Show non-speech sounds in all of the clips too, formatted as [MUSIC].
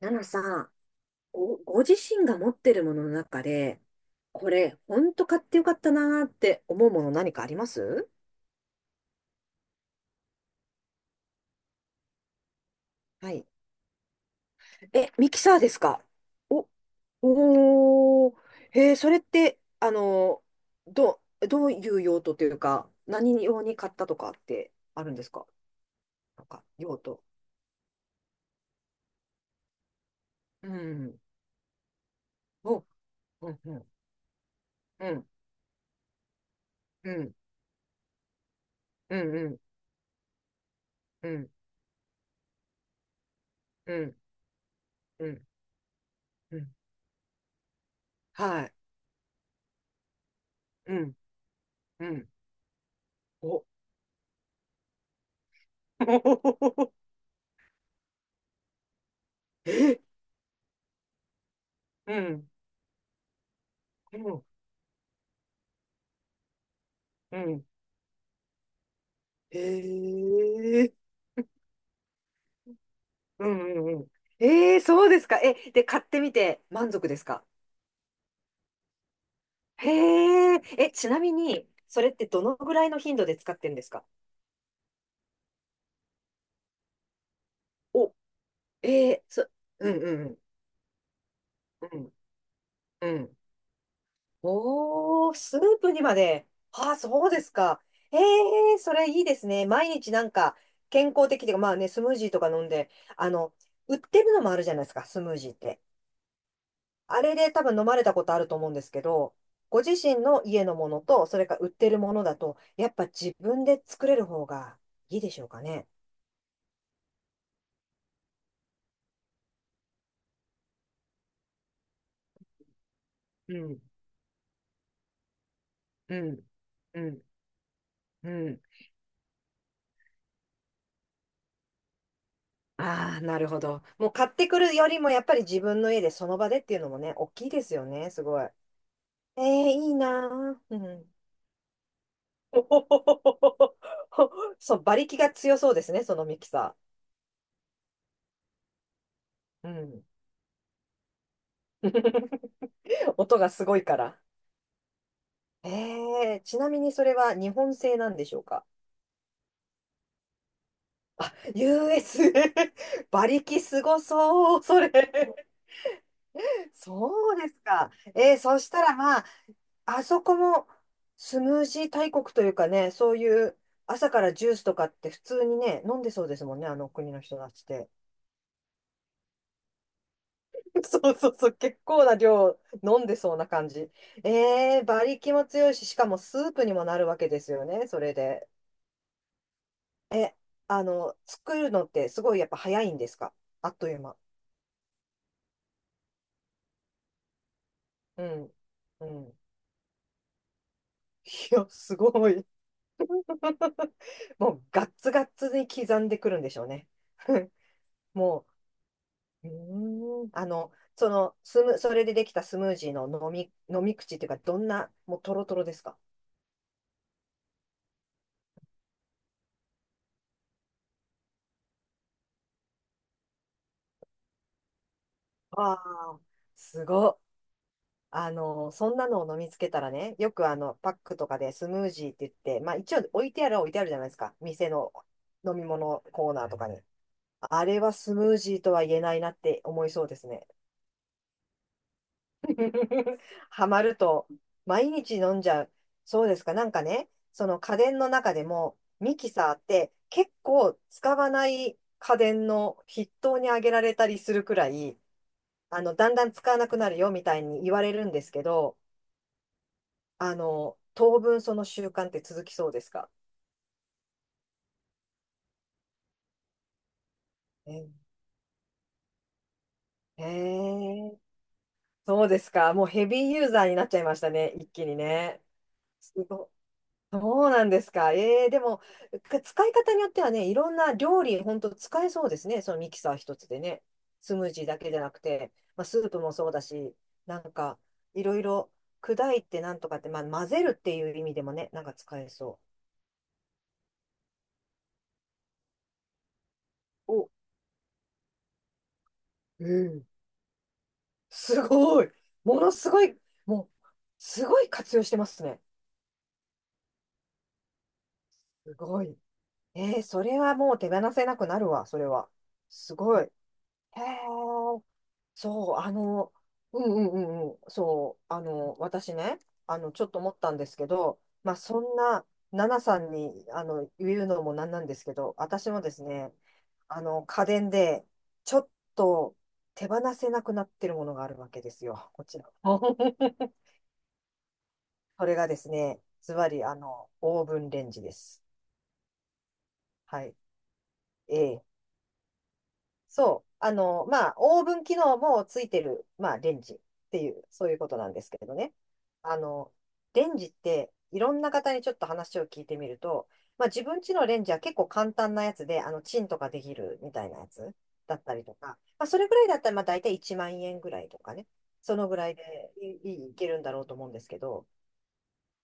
ナナさん、ご自身が持ってるものの中で、これ、ほんと買ってよかったなーって思うもの何かあります？はい。え、ミキサーですか？お、おー、それって、ー、ど、どういう用途というか、何用に買ったとかってあるんですか？なんか、用途。うん。お、うん、うん、うん、うん、うん、うん、うん、うん、うん、うん。はい。うん、うん。お。 [LAUGHS] え、うん、うん、うん。ええ。うんうんうん。ええ、そうですか。え、で、買ってみて満足ですか？へえ、え、ちなみに、それってどのぐらいの頻度で使ってるんですか？お、ええ、うんうんうん、うん、うん。おー、スープにまで。ああ、そうですか。ええ、それいいですね。毎日なんか、健康的で、まあね、スムージーとか飲んで、あの、売ってるのもあるじゃないですか、スムージーって。あれで多分飲まれたことあると思うんですけど、ご自身の家のものと、それから売ってるものだと、やっぱ自分で作れる方がいいでしょうかね。うん、うん、うん、うん。ああ、なるほど。もう買ってくるよりも、やっぱり自分の家でその場でっていうのもね、大きいですよね、すごい。ええ、いいなぁ。うん。[LAUGHS] おほほほほほほそう、馬力が強そうですね、そのミキサー。うん。[LAUGHS] 音がすごいから。ええ、ちなみにそれは日本製なんでしょうか？ US。 [LAUGHS] 馬力すごそう、それ。そうですか。そしたらまあ、あそこもスムージー大国というかね、そういう朝からジュースとかって普通にね、飲んでそうですもんね、あの国の人たちって。[LAUGHS] そうそうそう、結構な量飲んでそうな感じ。馬力も強いし、しかもスープにもなるわけですよね、それで。え、作るのってすごいやっぱ早いんですか？あっという間。うん。うん。いや、すごい。[LAUGHS] もうガッツガッツに刻んでくるんでしょうね。[LAUGHS] もう、それでできたスムージーの飲み口っていうか、どんな、もうトロトロですか？ああ、すごっ。そんなのを飲みつけたらね、よくパックとかでスムージーって言って、まあ一応置いてあるは置いてあるじゃないですか。店の飲み物コーナーとかに。あれはスムージーとは言えないなって思いそうですね。[LAUGHS] ハマると、毎日飲んじゃう。そうですか。なんかね、その家電の中でも、ミキサーって結構使わない家電の筆頭に挙げられたりするくらい、だんだん使わなくなるよみたいに言われるんですけど、当分その習慣って続きそうですか？ええー、そうですか。もうヘビーユーザーになっちゃいましたね。一気にね。すごい。そうなんですか？でも、使い方によってはね、いろんな料理、本当使えそうですね。そのミキサー一つでね。スムージーだけじゃなくて、まあ、スープもそうだし、なんか、いろいろ砕いてなんとかって、まあ、混ぜるっていう意味でもね、なんか使えそう。お、うん。すごい。ものすごい、もう、すごい活用してますね。すごい。それはもう手放せなくなるわ、それは。すごい。へーそう、うんうんうんうん、そう、私ね、ちょっと思ったんですけど、まあ、そんな、ナナさんに、言うのもなんなんですけど、私もですね、家電で、ちょっと手放せなくなってるものがあるわけですよ、こちら。[LAUGHS] それがですね、ズバリ、オーブンレンジです。はい。ええ、そう。まあ、オーブン機能もついてる、まあ、レンジっていう、そういうことなんですけれどね。あの、レンジって、いろんな方にちょっと話を聞いてみると、まあ、自分家のレンジは結構簡単なやつで、チンとかできるみたいなやつだったりとか、まあ、それぐらいだったら、まあ、大体1万円ぐらいとかね、そのぐらいでいいけるんだろうと思うんですけど、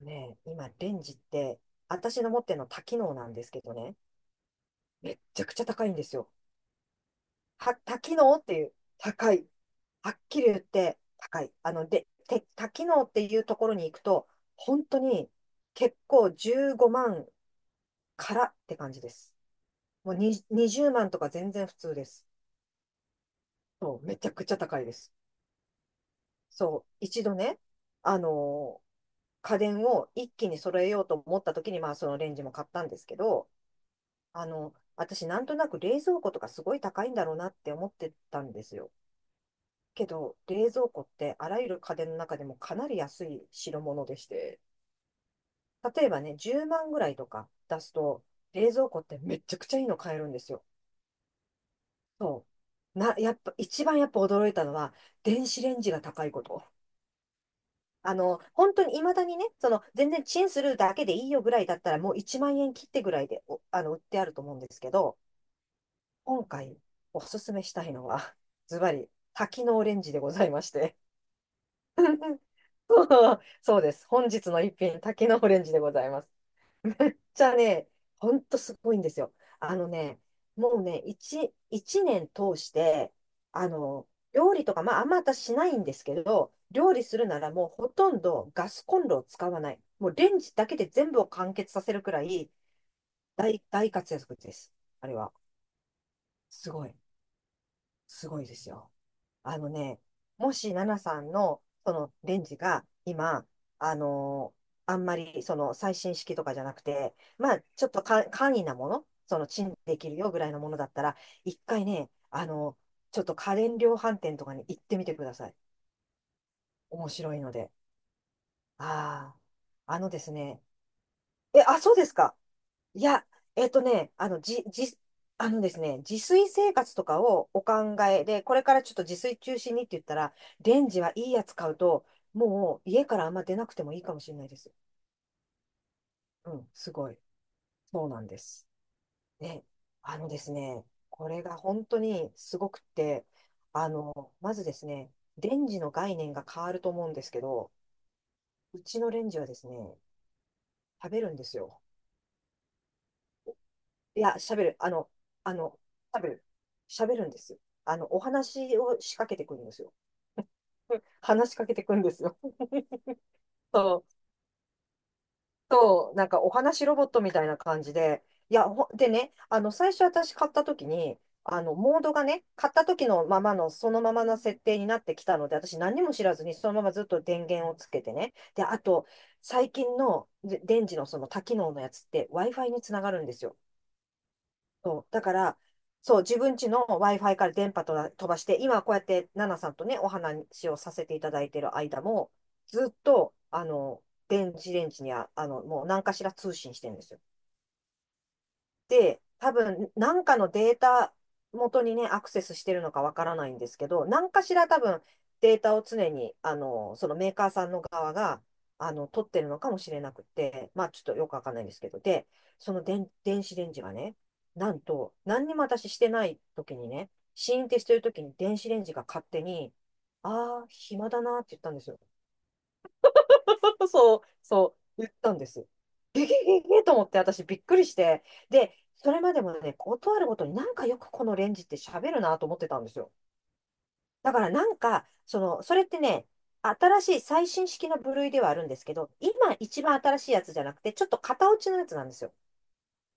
ねえ、今、レンジって、私の持ってるの多機能なんですけどね、めっちゃくちゃ高いんですよ。多機能っていう、高い。はっきり言って高い。で、多機能っていうところに行くと、本当に結構15万からって感じです。もうに20万とか全然普通です。そう、めちゃくちゃ高いです。そう、一度ね、あのー家電を一気に揃えようと思った時に、まあそのレンジも買ったんですけど、私なんとなく冷蔵庫とかすごい高いんだろうなって思ってたんですよ。けど、冷蔵庫ってあらゆる家電の中でもかなり安い代物でして、例えばね、10万ぐらいとか出すと、冷蔵庫ってめちゃくちゃいいの買えるんですよ。そう。やっぱ、一番やっぱ驚いたのは、電子レンジが高いこと。本当に未だにね、全然チンするだけでいいよぐらいだったら、もう1万円切ってぐらいで、おあの、売ってあると思うんですけど、今回おすすめしたいのは、ズバリ、多機能レンジでございまして。[LAUGHS] そうです。本日の一品、多機能レンジでございます。ちゃね、ほんとすごいんですよ。あのね、もうね、一年通して、料理とか、まあ、あんま私しないんですけど、料理するならもうほとんどガスコンロを使わない。もうレンジだけで全部を完結させるくらい大活躍です。あれは。すごい。すごいですよ。あのね、もし、ナナさんの、レンジが、今、あんまり、最新式とかじゃなくて、まあ、ちょっとか簡易なもの、チンできるよぐらいのものだったら、一回ね、ちょっと家電量販店とかに行ってみてください。面白いので。ああ、あのですね。え、あ、そうですか。いや、えっとね、あの、じ、じ、あのですね、自炊生活とかをお考えで、これからちょっと自炊中心にって言ったら、レンジはいいやつ買うと、もう家からあんま出なくてもいいかもしれないです。うん、すごい。そうなんです。ね、あのですね、これが本当にすごくって、まずですね、レンジの概念が変わると思うんですけど、うちのレンジはですね、食べるんですよ。いや、喋る。あの、喋る。喋るんですよ。お話を仕掛けてくるんですよ。[LAUGHS] 話しかけてくるんですよ。そう、そうなんかお話ロボットみたいな感じで、いや、ほでね、最初私買った時に、モードがね、買った時のままの、そのままの設定になってきたので、私何にも知らずに、そのままずっと電源をつけてね。で、あと、最近ので電池のその多機能のやつって Wi-Fi につながるんですよ。そう、だから、そう、自分家の Wi-Fi から電波飛ばして、今こうやってナナさんとね、お話をさせていただいてる間も、ずっと、電子レンジには、もう何かしら通信してるんですよ。で、多分、なんかのデータ元にね、アクセスしてるのかわからないんですけど、何かしら多分、データを常に、そのメーカーさんの側が、取ってるのかもしれなくて、まあ、ちょっとよくわかんないんですけど、で、その電子レンジがね、なんと、何にも私してない時にね、試飲ってしてる時に電子レンジが勝手に、ああ、暇だなって言ったんですよ。[LAUGHS] そう、そう、言ったんです。ゲゲゲゲと思って私びっくりして。で、それまでもね、断るごとになんかよくこのレンジって喋るなと思ってたんですよ。だからなんか、それってね、新しい最新式の部類ではあるんですけど、今一番新しいやつじゃなくて、ちょっと型落ちのやつなんですよ。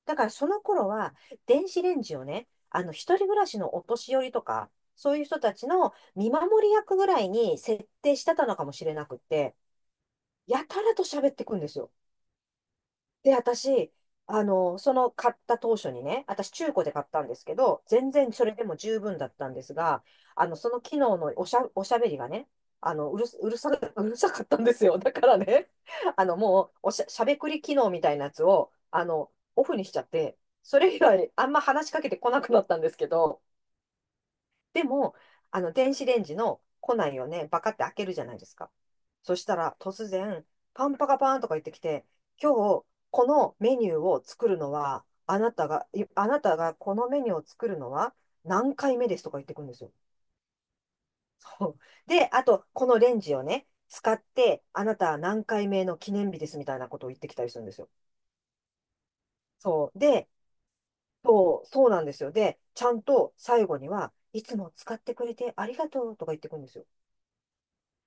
だからその頃は、電子レンジをね、一人暮らしのお年寄りとか、そういう人たちの見守り役ぐらいに設定してたのかもしれなくって、やたらと喋ってくんですよ。で、私、その買った当初にね、私中古で買ったんですけど、全然それでも十分だったんですが、その機能のおしゃべりがね、あの、うるす、うるさ、うるさかったんですよ。だからね、[LAUGHS] もう、おしゃ、しゃべくり機能みたいなやつを、オフにしちゃって、それ以外、あんま話しかけてこなくなったんですけど、でも、電子レンジの庫内をね、バカって開けるじゃないですか。そしたら、突然、パンパカパーンとか言ってきて、今日、このメニューを作るのは、あなたが、いあなたがこのメニューを作るのは何回目ですとか言ってくるんですよ。[LAUGHS] で、あと、このレンジをね、使って、あなたは何回目の記念日ですみたいなことを言ってきたりするんですよ。そう。で、そう、そうなんですよ。で、ちゃんと最後には、いつも使ってくれてありがとうとか言ってくるんですよ。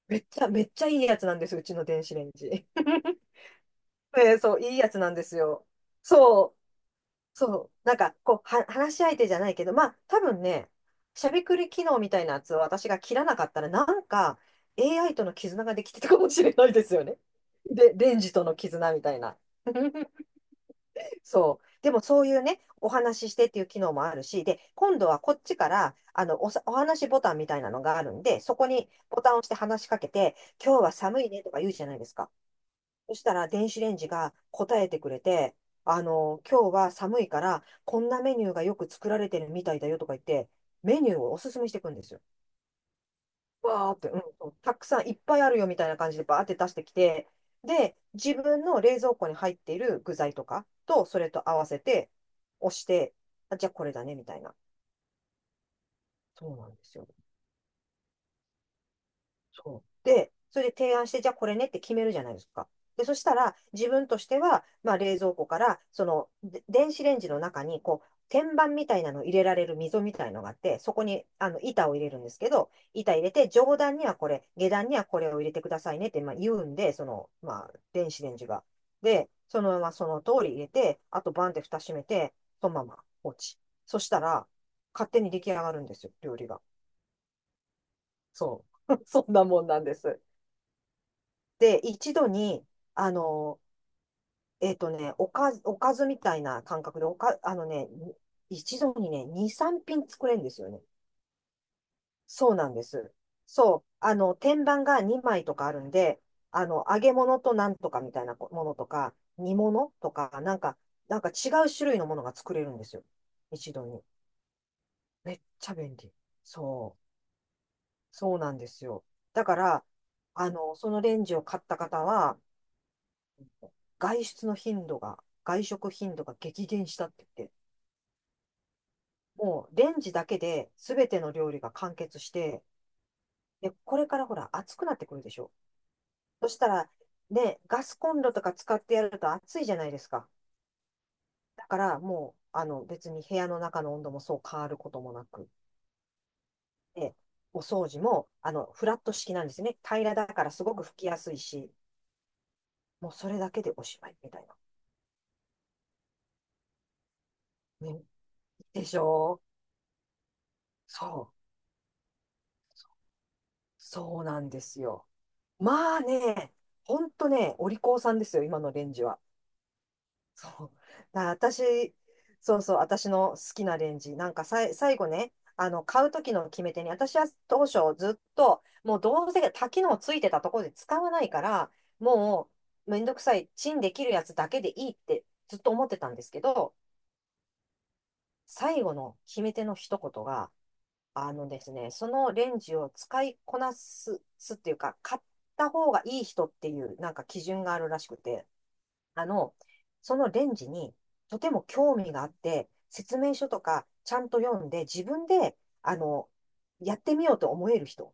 めっちゃ、めっちゃいいやつなんです、うちの電子レンジ。[LAUGHS] ね、そう、いいやつなんですよ。そう、そう。なんか、こう、話し相手じゃないけど、まあ、多分ね、しゃべくり機能みたいなやつを私が切らなかったら、なんか、AI との絆ができてたかもしれないですよね。で、レンジとの絆みたいな。[LAUGHS] そう。でもそういうね、お話ししてっていう機能もあるし、で、今度はこっちから、お話ボタンみたいなのがあるんで、そこにボタンを押して話しかけて、今日は寒いねとか言うじゃないですか。そしたら電子レンジが答えてくれて、今日は寒いから、こんなメニューがよく作られてるみたいだよとか言って、メニューをおすすめしていくんですよ。わーって、うん、そうたくさんいっぱいあるよみたいな感じでバーって出してきて、で、自分の冷蔵庫に入っている具材とかと、それと合わせて、押して、あ、じゃあこれだね、みたいな。そうなんですよ。そうで、それで提案して、じゃあこれねって決めるじゃないですか。で、そしたら、自分としては、まあ、冷蔵庫から、その、で電子レンジの中に、こう、天板みたいなのを入れられる溝みたいのがあって、そこに、板を入れるんですけど、板入れて、上段にはこれ、下段にはこれを入れてくださいねって、まあ、言うんで、その、まあ、電子レンジが。で、そのままその通り入れて、あとバンって蓋閉めて、そのまま放置。そしたら、勝手に出来上がるんですよ、料理が。そう。[LAUGHS] そんなもんなんです。で、一度に、あの、おかずみたいな感覚で、おか、あのね、一度にね、2、3品作れるんですよね。そうなんです。そう。天板が2枚とかあるんで、揚げ物となんとかみたいなものとか、煮物とか、なんか違う種類のものが作れるんですよ。一度に。めっちゃ便利。そう。そうなんですよ。だから、そのレンジを買った方は、外出の頻度が、外食頻度が激減したって言って、もうレンジだけで全ての料理が完結して、で、これからほら暑くなってくるでしょ。そしたら、ね、ガスコンロとか使ってやると暑いじゃないですか。だからもう、別に部屋の中の温度もそう変わることもなく、で、お掃除も、フラット式なんですね。平らだからすごく拭きやすいし、もうそれだけでおしまいみたいな。ね、でしょう。そう、そうなんですよ。まあね、ほんとね、お利口さんですよ、今のレンジは。そう。だから私、そうそう、私の好きなレンジ。なんか最後ね、買う時の決め手に、私は当初ずっと、もうどうせ多機能ついてたところで使わないから、もうめんどくさい、チンできるやつだけでいいってずっと思ってたんですけど、最後の決め手の一言が、あのですね、そのレンジを使いこなす、すっていうか、買った方がいい人っていうなんか基準があるらしくて、あの、そのレンジにとても興味があって、説明書とかちゃんと読んで、自分で、あの、やってみようと思える人。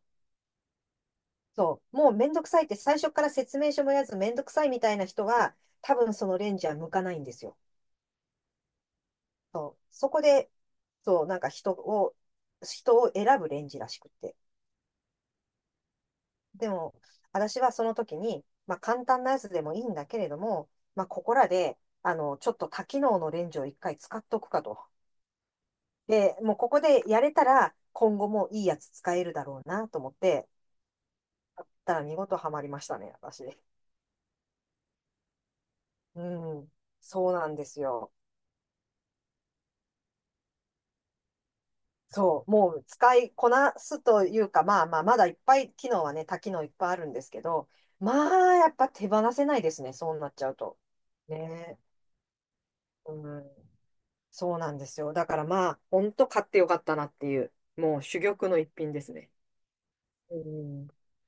そう、もうめんどくさいって最初から説明書もやらずめんどくさいみたいな人は、多分そのレンジは向かないんですよ。そう、そこで、そう、なんか人を、選ぶレンジらしくて。でも、私はその時に、まあ、簡単なやつでもいいんだけれども、まあ、ここらで、ちょっと多機能のレンジを一回使っとくかと。で、もうここでやれたら、今後もいいやつ使えるだろうなと思って、やったら見事ハマりましたね、私。うん、そうなんですよ。そう、もう使いこなすというか、まあまあ、まだいっぱい機能はね、多機能いっぱいあるんですけど、まあ、やっぱ手放せないですね、そうなっちゃうと。ねえ、うん。そうなんですよ。だからまあ、ほんと買ってよかったなっていう、もう珠玉の一品ですね。うん。